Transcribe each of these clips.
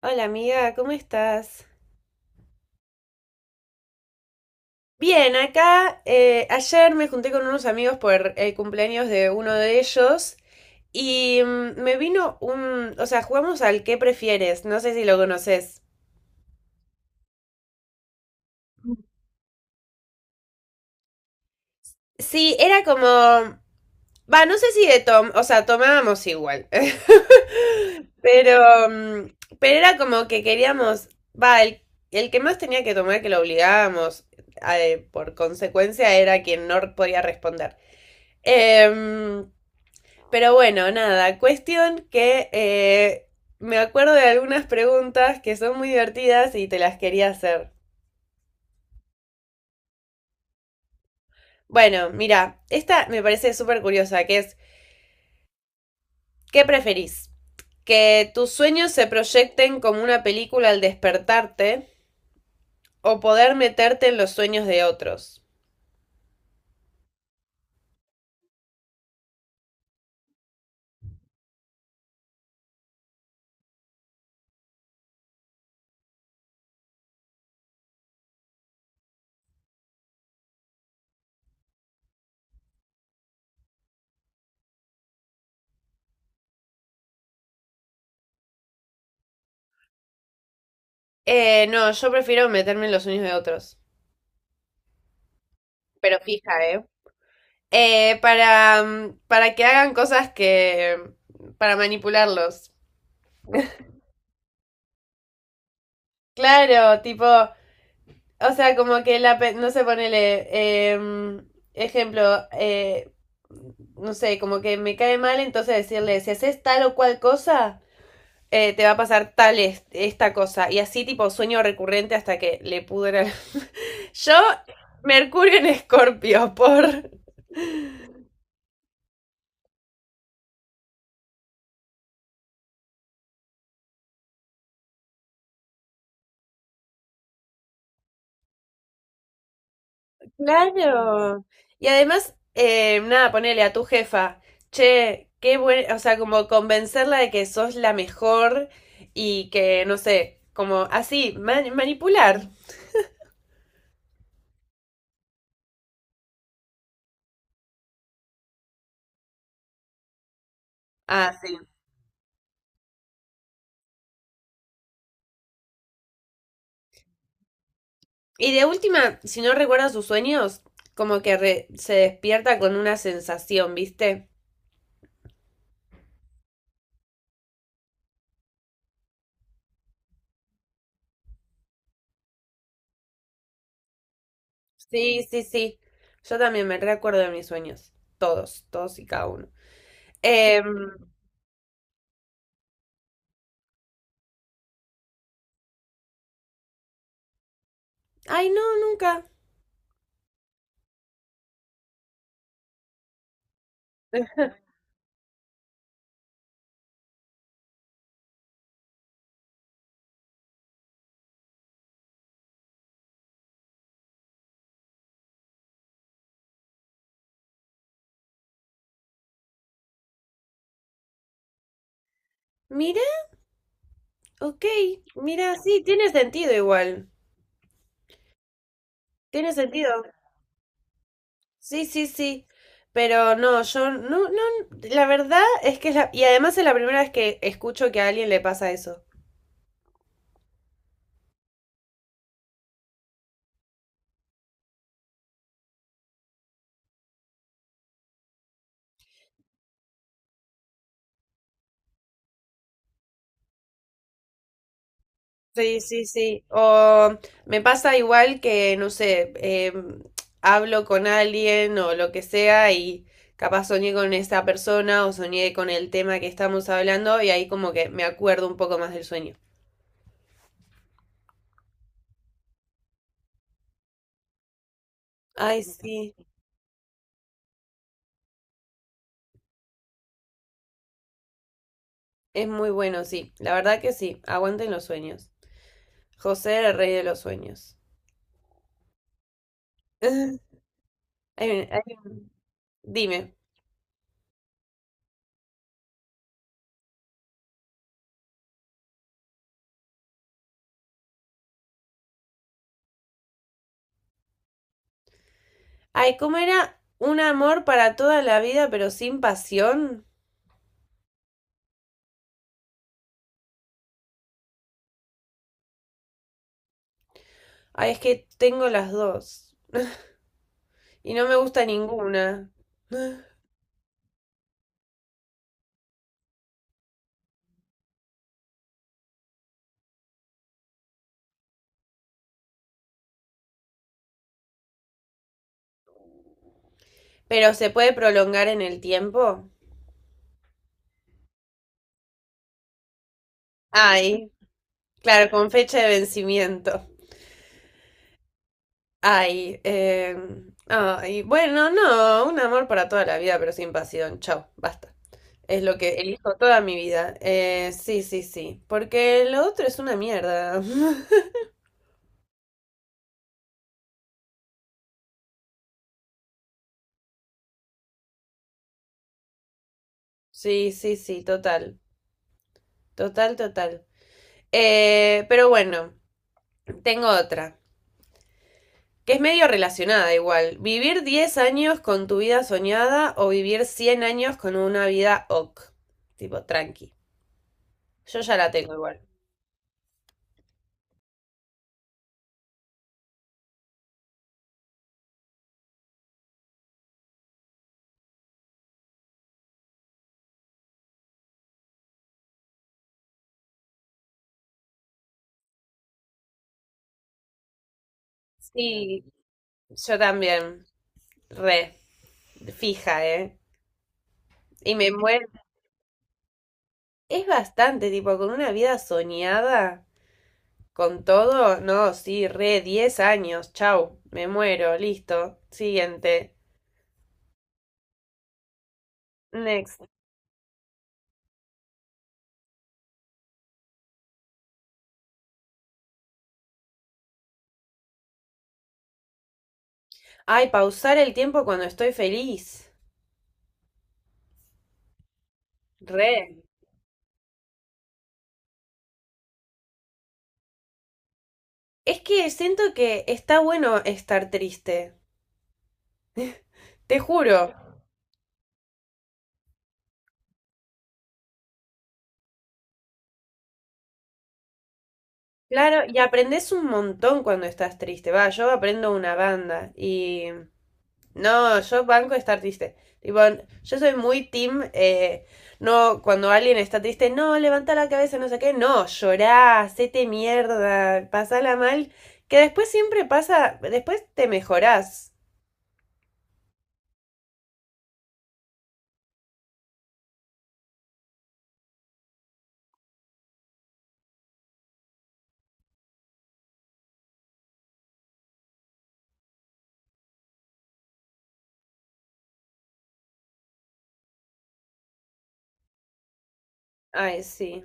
Hola amiga, ¿cómo estás? Bien, acá, ayer me junté con unos amigos por el cumpleaños de uno de ellos y o sea, jugamos al ¿qué prefieres? No sé si lo conoces. Sí, era como, va, no sé si o sea, tomábamos igual, pero, mm, pero era como que queríamos, va, el que más tenía que tomar, que lo obligábamos, por consecuencia era quien no podía responder. Em, Pero bueno, nada, cuestión que me acuerdo de algunas preguntas que son muy divertidas y te las quería hacer. Bueno, mira, esta me parece súper curiosa, que es, ¿qué preferís? ¿Que tus sueños se proyecten como una película al despertarte o poder meterte en los sueños de otros? No, yo prefiero meterme en los sueños de otros. Pero fija, ¿eh? Para que hagan cosas que, para manipularlos. Claro, tipo, o sea, como que la, no sé, ponele, ejemplo, no sé, como que me cae mal, entonces decirle, si haces tal o cual cosa, te va a pasar tal esta cosa. Y así tipo sueño recurrente hasta que le pudra. Yo, Mercurio en Escorpio. Claro. Y además, nada, ponele a tu jefa, che, o sea, como convencerla de que sos la mejor y que, no sé, como así, manipular. Ah, sí. Y de última, si no recuerda sus sueños, como que se despierta con una sensación, ¿viste? Sí, sí, sí. Yo también me recuerdo de mis sueños. Todos, todos y cada uno. Em, Ay, no, nunca. Mira, ok. Mira, sí, tiene sentido igual. Tiene sentido. Sí, sí, sí. Pero no, yo no, no, la verdad es que es la, y además es la primera vez que escucho que a alguien le pasa eso. Sí, sí, sí. O me pasa igual que, no sé, hablo con alguien o lo que sea y capaz soñé con esa persona o soñé con el tema que estamos hablando y ahí como que me acuerdo un poco más del sueño. Ay, sí, es muy bueno, sí. La verdad que sí, aguanten los sueños. José, el rey de los sueños. Hay un- hay un- Dime. Ay, ¿cómo era un amor para toda la vida pero sin pasión? Ay, es que tengo las dos y no me gusta ninguna. Pero se puede prolongar en el tiempo. Ay, claro, con fecha de vencimiento. Ay, ay, bueno, no, un amor para toda la vida pero sin pasión. Chao, basta. Es lo que elijo toda mi vida. Sí, sí, sí. Porque lo otro es una mierda. Sí, sí, sí, total. Total, total. Pero bueno, tengo otra, que es medio relacionada igual. ¿Vivir 10 años con tu vida soñada o vivir 100 años con una vida ok? Tipo, tranqui. Yo ya la tengo igual. Sí, yo también. Re. Fija, ¿eh? Y me muero. Es bastante, tipo, con una vida soñada, con todo. No, sí, re, 10 años. Chau, me muero, listo. Siguiente. Next. Ay, pausar el tiempo cuando estoy feliz. Re. Es que siento que está bueno estar triste. Te juro. Claro, y aprendes un montón cuando estás triste. Va, yo aprendo una banda. No, yo banco estar triste. Tipo, yo soy muy team, no, cuando alguien está triste, no, levanta la cabeza, no sé qué, no, llorá, hacete mierda, pasala mal, que después siempre pasa, después te mejorás. Ay, sí.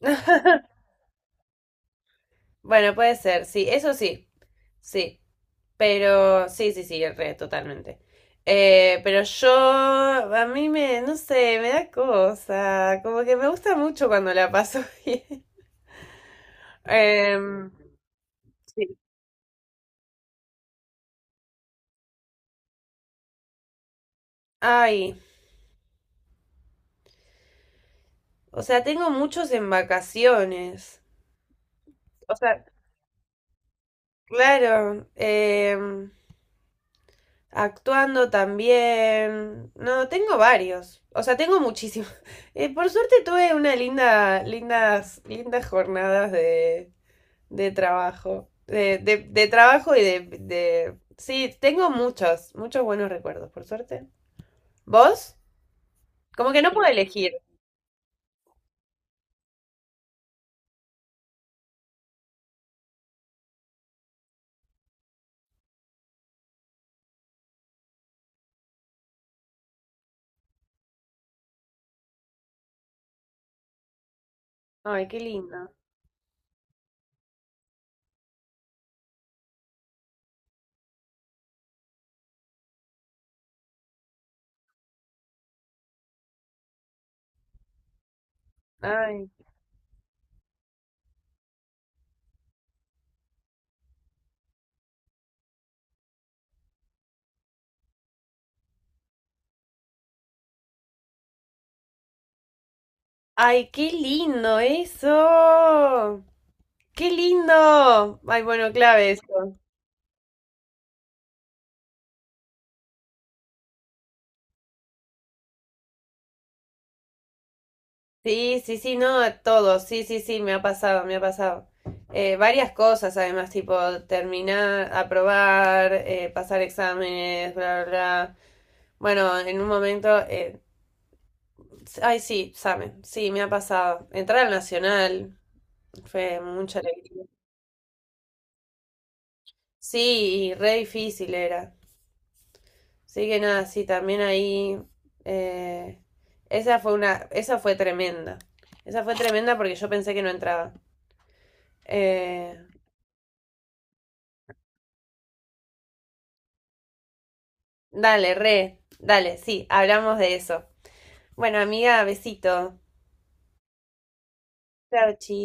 Bueno, puede ser, sí, eso sí, sí, pero sí, sí, sí, re, totalmente. Pero yo, a mí me, no sé, me da cosa, como que me gusta mucho cuando la paso bien. Em, Sí. Ay, o sea, tengo muchos en vacaciones. O sea, claro, actuando también. No, tengo varios. O sea, tengo muchísimos. Por suerte tuve una linda, lindas, lindas jornadas de trabajo. De trabajo y de, de. Sí, tengo muchos, muchos buenos recuerdos, por suerte. ¿Vos? Como que no puedo elegir. Ay, qué lindo. Ay. Ay, qué lindo eso. Qué lindo. Ay, bueno, clave eso. Sí, sí, sí, no, a todos, sí, sí, sí, me ha pasado, me ha pasado. Varias cosas además, tipo terminar, aprobar, pasar exámenes, bla, bla, bla. Bueno, en un momento, ay, sí, examen, sí, me ha pasado. Entrar al Nacional fue mucha alegría. Sí, y re difícil era. Así que nada, sí, también ahí, eh, esa fue tremenda. Esa fue tremenda porque yo pensé que no entraba. Eh, Dale, re, dale, sí, hablamos de eso. Bueno, amiga, besito. Chao, chi.